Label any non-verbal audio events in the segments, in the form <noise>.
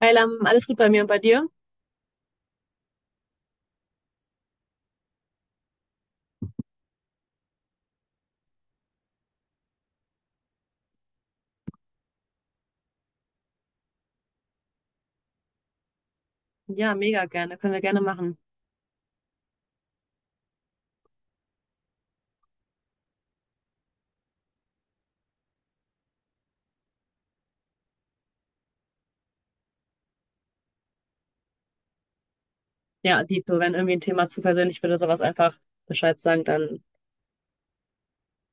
Hey Lam, alles gut bei mir und bei dir? Ja, mega gerne. Können wir gerne machen. Ja, dito, wenn irgendwie ein Thema zu persönlich wird oder sowas, einfach Bescheid sagen, dann,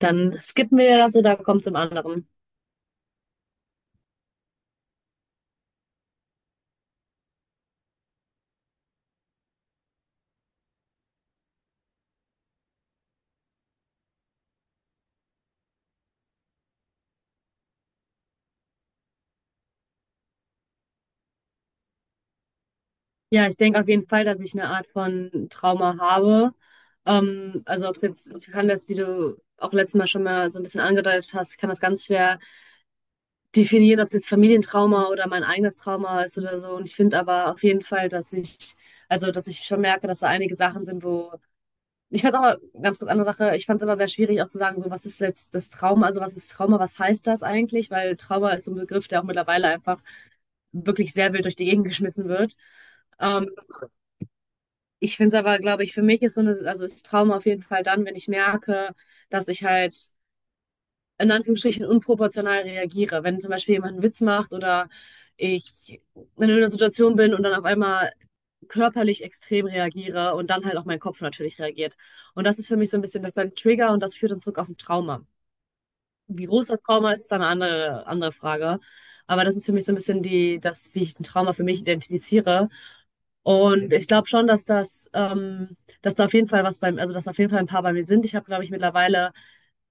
dann skippen wir das oder kommt zum anderen. Ja, ich denke auf jeden Fall, dass ich eine Art von Trauma habe. Also ob es jetzt, ich kann das, wie du auch letztes Mal schon mal so ein bisschen angedeutet hast, ich kann das ganz schwer definieren, ob es jetzt Familientrauma oder mein eigenes Trauma ist oder so. Und ich finde aber auf jeden Fall, dass ich, also dass ich schon merke, dass da einige Sachen sind, wo. Ich fand es aber ganz kurz andere Sache. Ich fand es immer sehr schwierig, auch zu sagen, so, was ist jetzt das Trauma? Also, was ist Trauma? Was heißt das eigentlich? Weil Trauma ist so ein Begriff, der auch mittlerweile einfach wirklich sehr wild durch die Gegend geschmissen wird. Ähm, ich finde es aber, glaube ich, für mich ist so eine, also ist Trauma auf jeden Fall dann, wenn ich merke, dass ich halt in Anführungsstrichen unproportional reagiere. Wenn zum Beispiel jemand einen Witz macht oder ich in einer Situation bin und dann auf einmal körperlich extrem reagiere und dann halt auch mein Kopf natürlich reagiert. Und das ist für mich so ein bisschen, das ist ein Trigger und das führt uns zurück auf ein Trauma. Wie groß das Trauma ist, ist eine andere, andere Frage. Aber das ist für mich so ein bisschen die, das, wie ich ein Trauma für mich identifiziere. Und ich glaube schon, dass das, dass da auf jeden Fall was beim, also dass auf jeden Fall ein paar bei mir sind. Ich habe, glaube ich, mittlerweile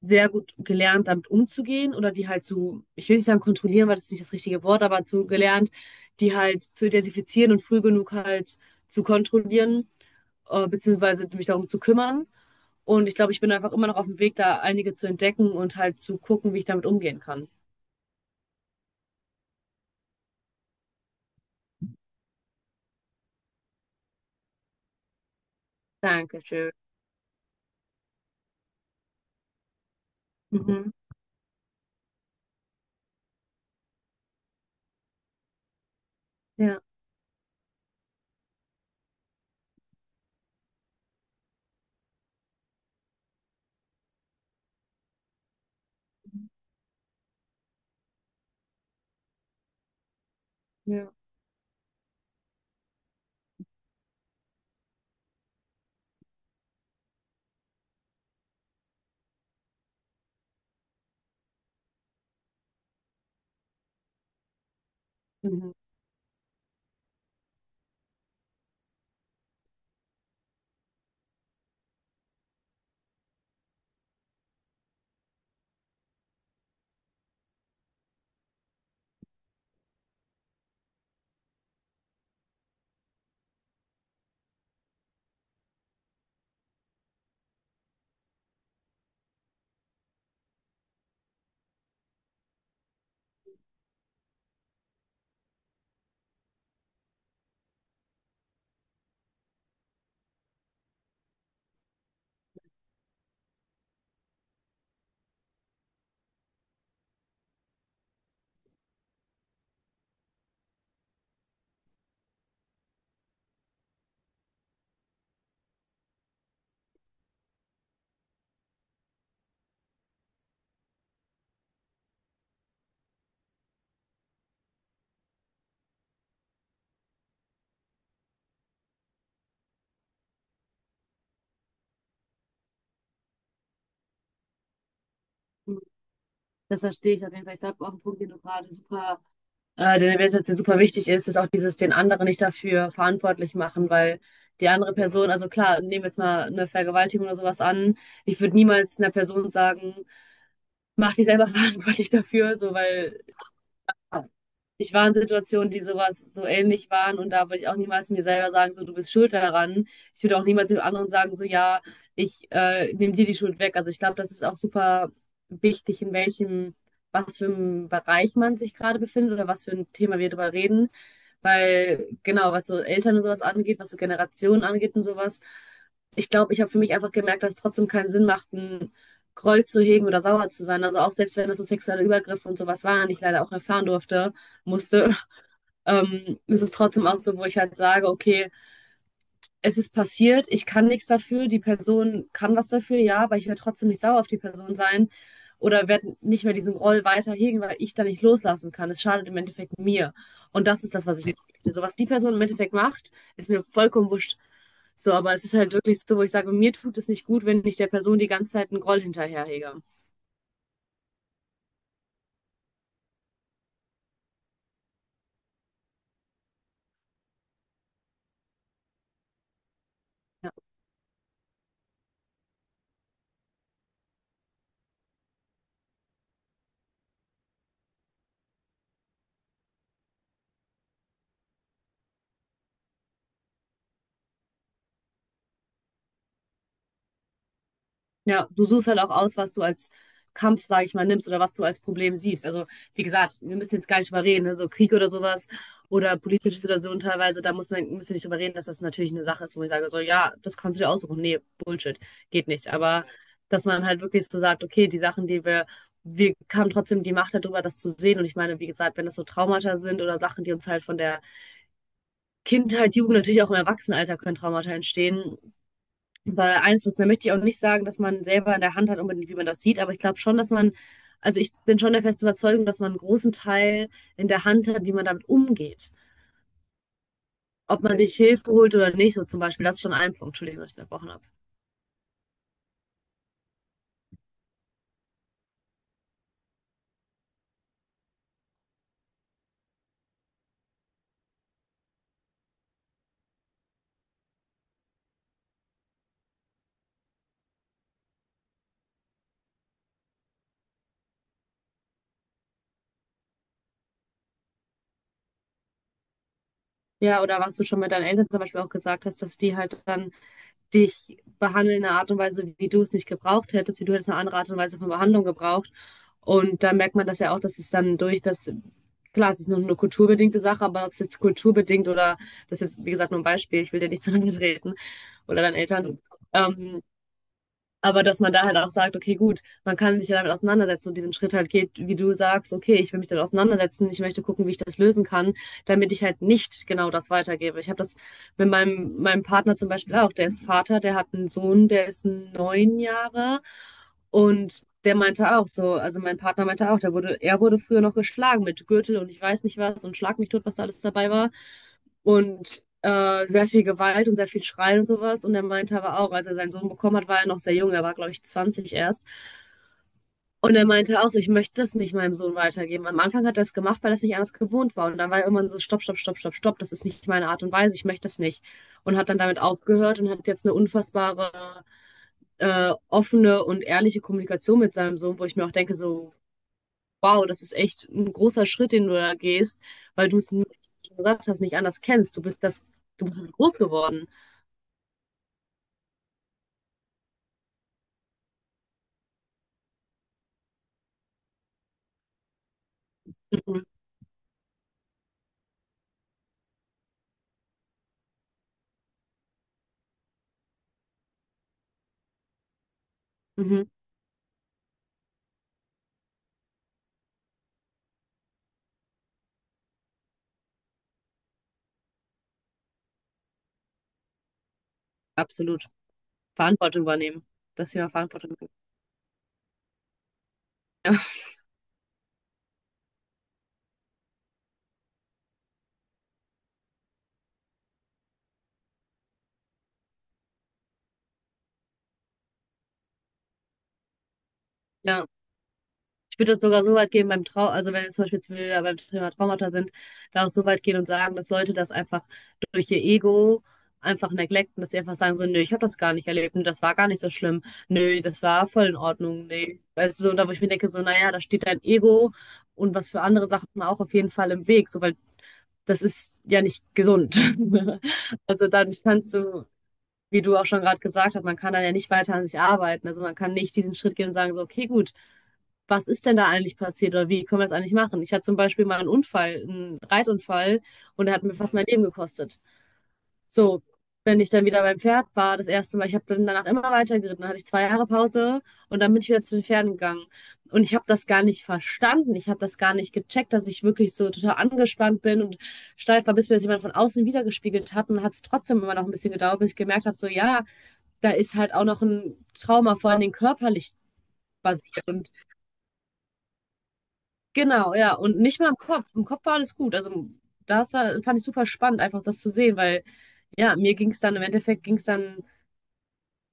sehr gut gelernt, damit umzugehen oder die halt zu, ich will nicht sagen kontrollieren, weil das ist nicht das richtige Wort, aber zu gelernt, die halt zu identifizieren und früh genug halt zu kontrollieren, beziehungsweise mich darum zu kümmern. Und ich glaube, ich bin einfach immer noch auf dem Weg, da einige zu entdecken und halt zu gucken, wie ich damit umgehen kann. Dankeschön. Mhm. Ja, ja. Mhm. Mhm. Das verstehe ich auf jeden Fall. Ich glaube, auch ein Punkt, den du gerade super der Wertschätzung super wichtig ist, ist auch dieses den anderen nicht dafür verantwortlich machen, weil die andere Person, also klar, nehmen wir jetzt mal eine Vergewaltigung oder sowas an, ich würde niemals einer Person sagen, mach dich selber <laughs> verantwortlich dafür, so weil ich war in Situationen, die sowas so ähnlich waren und da würde ich auch niemals mir selber sagen, so du bist schuld daran. Ich würde auch niemals dem anderen sagen, so ja, ich nehme dir die Schuld weg. Also ich glaube, das ist auch super wichtig, in welchem, was für einem Bereich man sich gerade befindet oder was für ein Thema wir darüber reden. Weil genau, was so Eltern und sowas angeht, was so Generationen angeht und sowas, ich glaube, ich habe für mich einfach gemerkt, dass es trotzdem keinen Sinn macht, einen Groll zu hegen oder sauer zu sein. Also auch selbst wenn das so sexuelle Übergriffe und sowas waren, die ich leider auch erfahren durfte, musste. Ist es trotzdem auch so, wo ich halt sage, okay, es ist passiert, ich kann nichts dafür, die Person kann was dafür, ja, aber ich werde trotzdem nicht sauer auf die Person sein oder werde nicht mehr diesen Roll weiterhegen, weil ich da nicht loslassen kann. Es schadet im Endeffekt mir. Und das ist das, was ich nicht möchte. So was die Person im Endeffekt macht, ist mir vollkommen wurscht. So, aber es ist halt wirklich so, wo ich sage, mir tut es nicht gut, wenn ich der Person die ganze Zeit einen Groll hinterherhege. Ja. Ja, du suchst halt auch aus, was du als Kampf, sage ich mal, nimmst oder was du als Problem siehst. Also, wie gesagt, wir müssen jetzt gar nicht drüber reden, ne? So Krieg oder sowas oder politische Situationen teilweise, da muss man, müssen wir nicht drüber reden, dass das natürlich eine Sache ist, wo ich sage, so, ja, das kannst du dir aussuchen. Nee, Bullshit, geht nicht. Aber dass man halt wirklich so sagt, okay, die Sachen, die wir, wir haben trotzdem die Macht darüber, das zu sehen. Und ich meine, wie gesagt, wenn das so Traumata sind oder Sachen, die uns halt von der Kindheit, Jugend, natürlich auch im Erwachsenenalter können Traumata entstehen, beeinflussen. Da möchte ich auch nicht sagen, dass man selber in der Hand hat, unbedingt, wie man das sieht, aber ich glaube schon, dass man, also ich bin schon der festen Überzeugung, dass man einen großen Teil in der Hand hat, wie man damit umgeht. Ob man sich Hilfe holt oder nicht, so zum Beispiel, das ist schon ein Punkt, Entschuldigung, dass ich unterbrochen habe. Ja, oder was du schon mit deinen Eltern zum Beispiel auch gesagt hast, dass die halt dann dich behandeln in einer Art und Weise, wie du es nicht gebraucht hättest, wie du hättest eine andere Art und Weise von Behandlung gebraucht. Und da merkt man das ja auch, dass es dann durch das, klar, es ist noch eine kulturbedingte Sache, aber ob es jetzt kulturbedingt oder, das ist jetzt, wie gesagt, nur ein Beispiel, ich will dir nicht zu lange <laughs> treten oder deinen Eltern, ähm, aber dass man da halt auch sagt, okay, gut, man kann sich ja damit auseinandersetzen und diesen Schritt halt geht, wie du sagst, okay, ich will mich damit auseinandersetzen, ich möchte gucken, wie ich das lösen kann, damit ich halt nicht genau das weitergebe. Ich habe das mit meinem Partner zum Beispiel auch, der ist Vater, der hat einen Sohn, der ist 9 Jahre und der meinte auch so, also mein Partner meinte auch, der wurde, er wurde früher noch geschlagen mit Gürtel und ich weiß nicht was und Schlag mich tot, was da alles dabei war und sehr viel Gewalt und sehr viel Schreien und sowas. Und er meinte aber auch, als er seinen Sohn bekommen hat, war er noch sehr jung, er war, glaube ich, 20 erst. Und er meinte auch so, ich möchte das nicht meinem Sohn weitergeben. Am Anfang hat er es gemacht, weil er es nicht anders gewohnt war. Und dann war er irgendwann so, stopp, stopp, stopp, stopp, stopp, das ist nicht meine Art und Weise, ich möchte das nicht. Und hat dann damit aufgehört und hat jetzt eine unfassbare, offene und ehrliche Kommunikation mit seinem Sohn, wo ich mir auch denke, so, wow, das ist echt ein großer Schritt, den du da gehst, weil du es nicht, wie du schon gesagt hast, nicht anders kennst. Du bist das, du bist groß geworden. Mhm. Mhm. Absolut. Verantwortung übernehmen. Das Thema Verantwortung übernehmen. Ja. Ja. Ich würde das sogar so weit gehen beim Trau, also wenn wir zum Beispiel jetzt wieder beim Thema Traumata sind, da auch so weit gehen und sagen, dass Leute das einfach durch ihr Ego einfach neglecten, dass sie einfach sagen so, nö, ich habe das gar nicht erlebt und das war gar nicht so schlimm. Nö, das war voll in Ordnung. Nee. Weißt du, so, da wo ich mir denke, so, naja, da steht dein Ego und was für andere Sachen auch auf jeden Fall im Weg, so, weil das ist ja nicht gesund. <laughs> Also dann kannst du, wie du auch schon gerade gesagt hast, man kann dann ja nicht weiter an sich arbeiten. Also man kann nicht diesen Schritt gehen und sagen, so, okay, gut, was ist denn da eigentlich passiert oder wie können wir das eigentlich machen? Ich hatte zum Beispiel mal einen Unfall, einen Reitunfall und der hat mir fast mein Leben gekostet. So, wenn ich dann wieder beim Pferd war, das erste Mal, ich habe dann danach immer weiter geritten, dann hatte ich 2 Jahre Pause und dann bin ich wieder zu den Pferden gegangen. Und ich habe das gar nicht verstanden, ich habe das gar nicht gecheckt, dass ich wirklich so total angespannt bin und steif war, bis mir das jemand von außen wiedergespiegelt hat. Und hat es trotzdem immer noch ein bisschen gedauert, bis ich gemerkt habe, so ja, da ist halt auch noch ein Trauma, vor allen Dingen körperlich basierend. Genau, ja. Und nicht mal im Kopf. Im Kopf war alles gut. Also das war, fand ich super spannend, einfach das zu sehen, weil ja, mir ging es dann im Endeffekt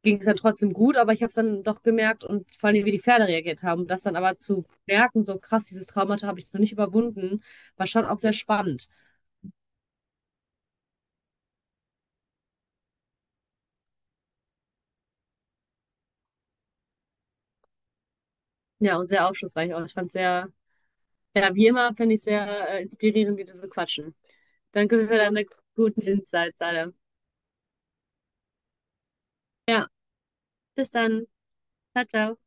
ging es dann trotzdem gut, aber ich habe es dann doch gemerkt und vor allem, wie die Pferde reagiert haben. Das dann aber zu merken, so krass, dieses Traumata habe ich noch nicht überwunden, war schon auch sehr spannend. Ja, und sehr aufschlussreich. Auch ich fand sehr, ja, wie immer finde ich sehr inspirierend, wie die so quatschen. Danke für deine guten Insights, alle. Ja. Bis dann. Ciao, ciao.